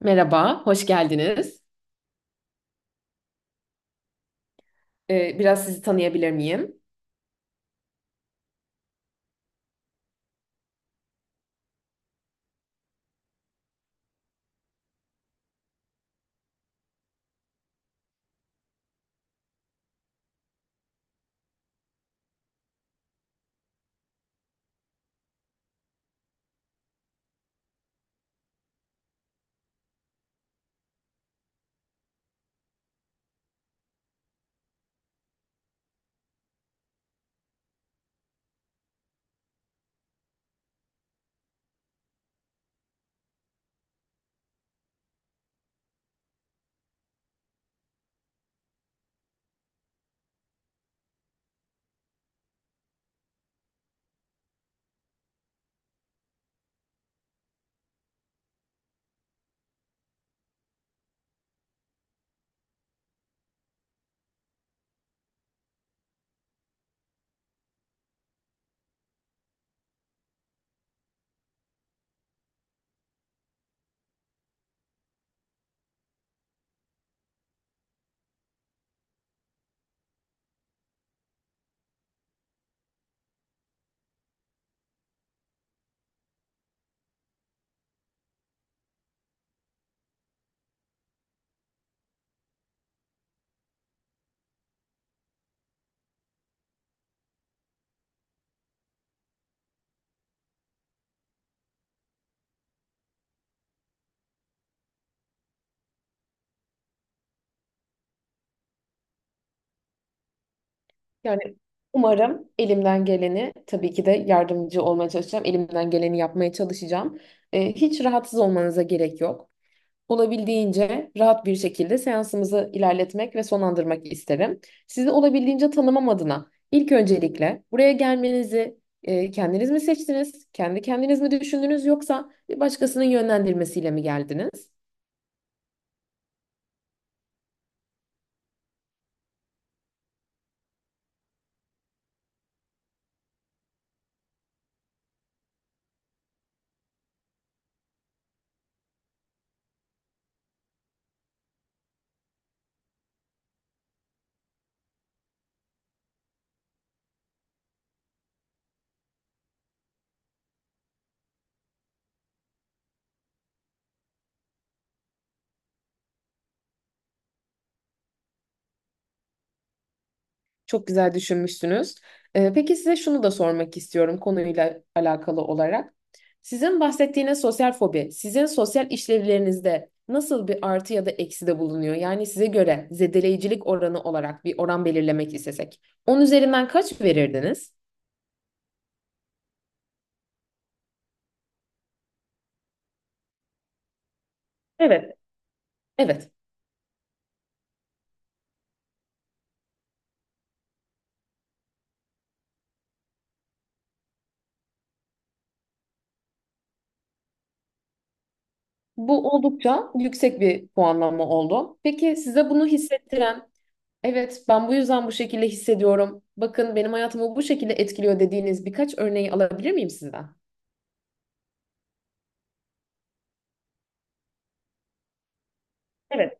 Merhaba, hoş geldiniz. Biraz sizi tanıyabilir miyim? Yani umarım elimden geleni, tabii ki de yardımcı olmaya çalışacağım. Elimden geleni yapmaya çalışacağım. Hiç rahatsız olmanıza gerek yok. Olabildiğince rahat bir şekilde seansımızı ilerletmek ve sonlandırmak isterim. Sizi olabildiğince tanımam adına ilk öncelikle buraya gelmenizi kendiniz mi seçtiniz? Kendi kendiniz mi düşündünüz yoksa bir başkasının yönlendirmesiyle mi geldiniz? Çok güzel düşünmüşsünüz. Peki size şunu da sormak istiyorum konuyla alakalı olarak. Sizin bahsettiğiniz sosyal fobi, sizin sosyal işlevlerinizde nasıl bir artı ya da eksi de bulunuyor? Yani size göre zedeleyicilik oranı olarak bir oran belirlemek istesek, 10 üzerinden kaç verirdiniz? Evet. Evet, bu oldukça yüksek bir puanlama oldu. Peki size bunu hissettiren, evet ben bu yüzden bu şekilde hissediyorum, bakın benim hayatımı bu şekilde etkiliyor dediğiniz birkaç örneği alabilir miyim sizden? Evet.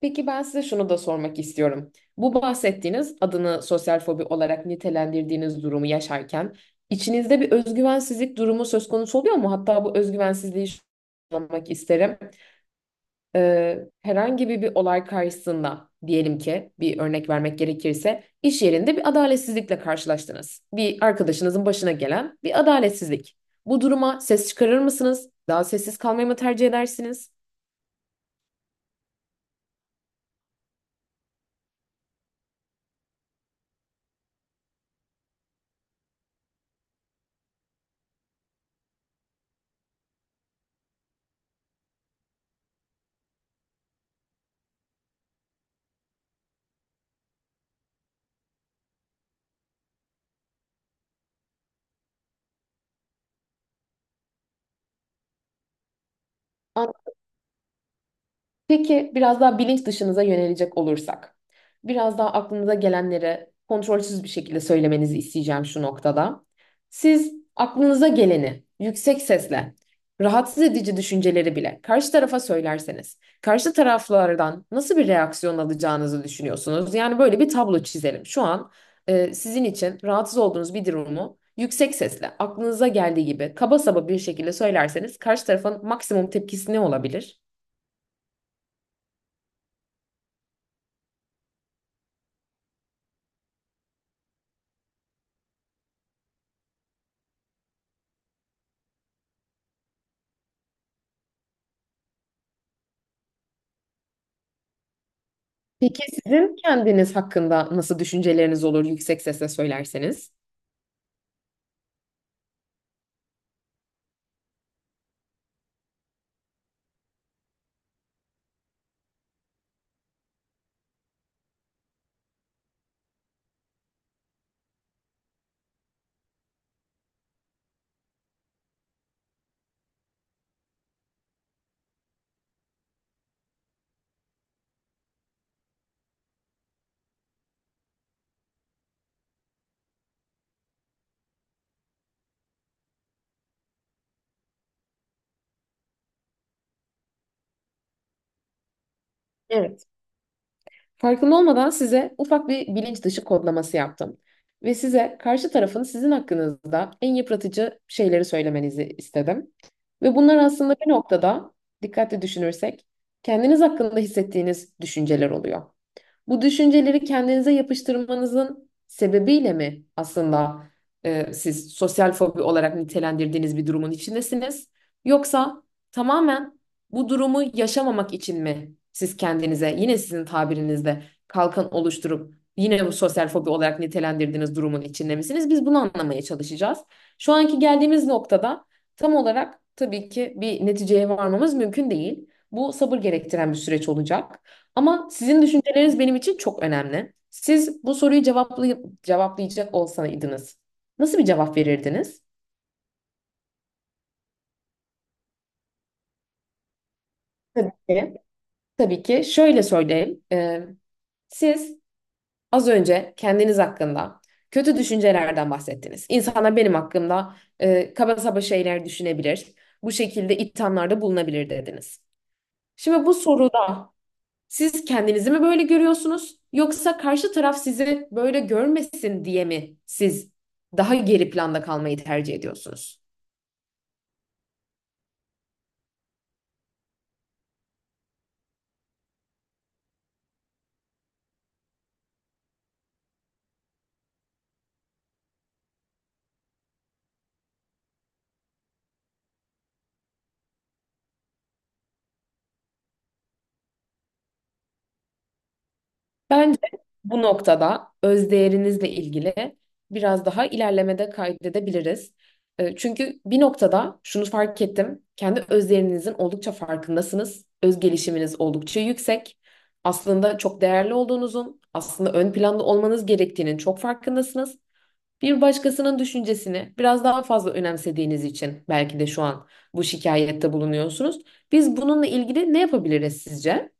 Peki ben size şunu da sormak istiyorum. Bu bahsettiğiniz adını sosyal fobi olarak nitelendirdiğiniz durumu yaşarken içinizde bir özgüvensizlik durumu söz konusu oluyor mu? Hatta bu özgüvensizliği anlamak isterim. Herhangi bir olay karşısında diyelim ki bir örnek vermek gerekirse iş yerinde bir adaletsizlikle karşılaştınız. Bir arkadaşınızın başına gelen bir adaletsizlik. Bu duruma ses çıkarır mısınız? Daha sessiz kalmayı mı tercih edersiniz? Peki biraz daha bilinç dışınıza yönelecek olursak, biraz daha aklınıza gelenleri kontrolsüz bir şekilde söylemenizi isteyeceğim şu noktada. Siz aklınıza geleni yüksek sesle, rahatsız edici düşünceleri bile karşı tarafa söylerseniz, karşı taraflardan nasıl bir reaksiyon alacağınızı düşünüyorsunuz? Yani böyle bir tablo çizelim. Şu an sizin için rahatsız olduğunuz bir durumu yüksek sesle, aklınıza geldiği gibi kaba saba bir şekilde söylerseniz karşı tarafın maksimum tepkisi ne olabilir? Peki sizin kendiniz hakkında nasıl düşünceleriniz olur yüksek sesle söylerseniz? Evet. Farkında olmadan size ufak bir bilinç dışı kodlaması yaptım. Ve size karşı tarafın sizin hakkınızda en yıpratıcı şeyleri söylemenizi istedim. Ve bunlar aslında bir noktada dikkatli düşünürsek kendiniz hakkında hissettiğiniz düşünceler oluyor. Bu düşünceleri kendinize yapıştırmanızın sebebiyle mi aslında siz sosyal fobi olarak nitelendirdiğiniz bir durumun içindesiniz? Yoksa tamamen bu durumu yaşamamak için mi siz kendinize yine sizin tabirinizde kalkan oluşturup yine bu sosyal fobi olarak nitelendirdiğiniz durumun içinde misiniz? Biz bunu anlamaya çalışacağız. Şu anki geldiğimiz noktada tam olarak tabii ki bir neticeye varmamız mümkün değil. Bu sabır gerektiren bir süreç olacak. Ama sizin düşünceleriniz benim için çok önemli. Siz bu soruyu cevaplayıp cevaplayacak olsaydınız nasıl bir cevap verirdiniz? Tabii ki. Tabii ki şöyle söyleyeyim. Siz az önce kendiniz hakkında kötü düşüncelerden bahsettiniz. İnsanlar benim hakkımda kaba saba şeyler düşünebilir. Bu şekilde ithamlarda bulunabilir dediniz. Şimdi bu soruda siz kendinizi mi böyle görüyorsunuz? Yoksa karşı taraf sizi böyle görmesin diye mi siz daha geri planda kalmayı tercih ediyorsunuz? Bence bu noktada özdeğerinizle ilgili biraz daha ilerlemede kaydedebiliriz. Çünkü bir noktada şunu fark ettim. Kendi özdeğerinizin oldukça farkındasınız. Öz gelişiminiz oldukça yüksek. Aslında çok değerli olduğunuzun, aslında ön planda olmanız gerektiğinin çok farkındasınız. Bir başkasının düşüncesini biraz daha fazla önemsediğiniz için belki de şu an bu şikayette bulunuyorsunuz. Biz bununla ilgili ne yapabiliriz sizce?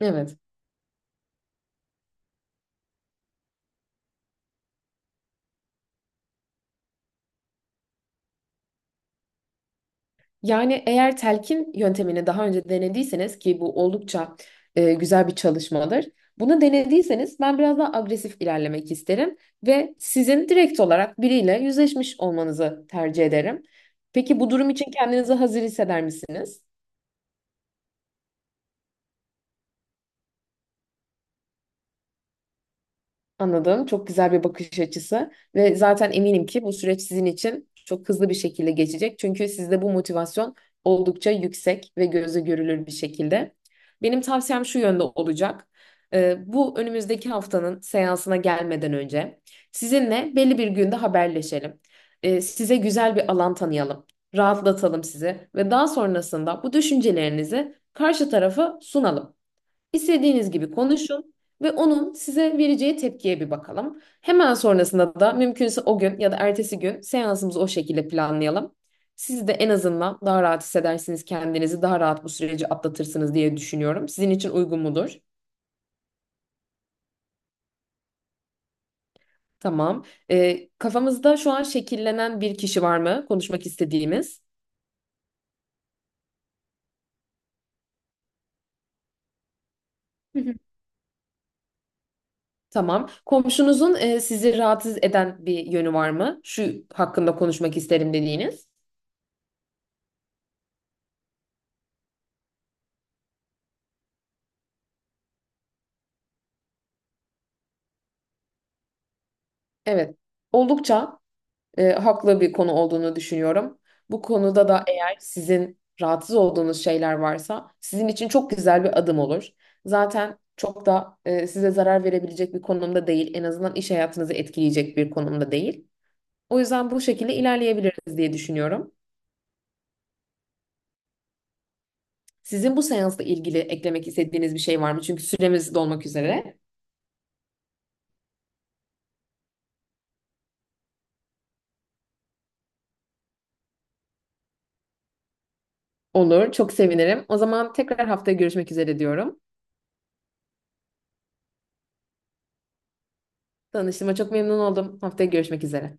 Evet. Yani eğer telkin yöntemini daha önce denediyseniz ki bu oldukça güzel bir çalışmadır. Bunu denediyseniz ben biraz daha agresif ilerlemek isterim ve sizin direkt olarak biriyle yüzleşmiş olmanızı tercih ederim. Peki bu durum için kendinizi hazır hisseder misiniz? Anladım. Çok güzel bir bakış açısı ve zaten eminim ki bu süreç sizin için çok hızlı bir şekilde geçecek. Çünkü sizde bu motivasyon oldukça yüksek ve gözle görülür bir şekilde. Benim tavsiyem şu yönde olacak. Bu önümüzdeki haftanın seansına gelmeden önce sizinle belli bir günde haberleşelim. Size güzel bir alan tanıyalım, rahatlatalım sizi ve daha sonrasında bu düşüncelerinizi karşı tarafa sunalım. İstediğiniz gibi konuşun ve onun size vereceği tepkiye bir bakalım. Hemen sonrasında da mümkünse o gün ya da ertesi gün seansımızı o şekilde planlayalım. Siz de en azından daha rahat hissedersiniz kendinizi, daha rahat bu süreci atlatırsınız diye düşünüyorum. Sizin için uygun mudur? Tamam. Kafamızda şu an şekillenen bir kişi var mı konuşmak istediğimiz? Tamam. Komşunuzun sizi rahatsız eden bir yönü var mı? Şu hakkında konuşmak isterim dediğiniz. Evet. Oldukça haklı bir konu olduğunu düşünüyorum. Bu konuda da eğer sizin rahatsız olduğunuz şeyler varsa sizin için çok güzel bir adım olur. Zaten çok da size zarar verebilecek bir konumda değil. En azından iş hayatınızı etkileyecek bir konumda değil. O yüzden bu şekilde ilerleyebiliriz diye düşünüyorum. Sizin bu seansla ilgili eklemek istediğiniz bir şey var mı? Çünkü süremiz dolmak üzere. Olur, çok sevinirim. O zaman tekrar haftaya görüşmek üzere diyorum. Tanıştığıma çok memnun oldum. Haftaya görüşmek üzere.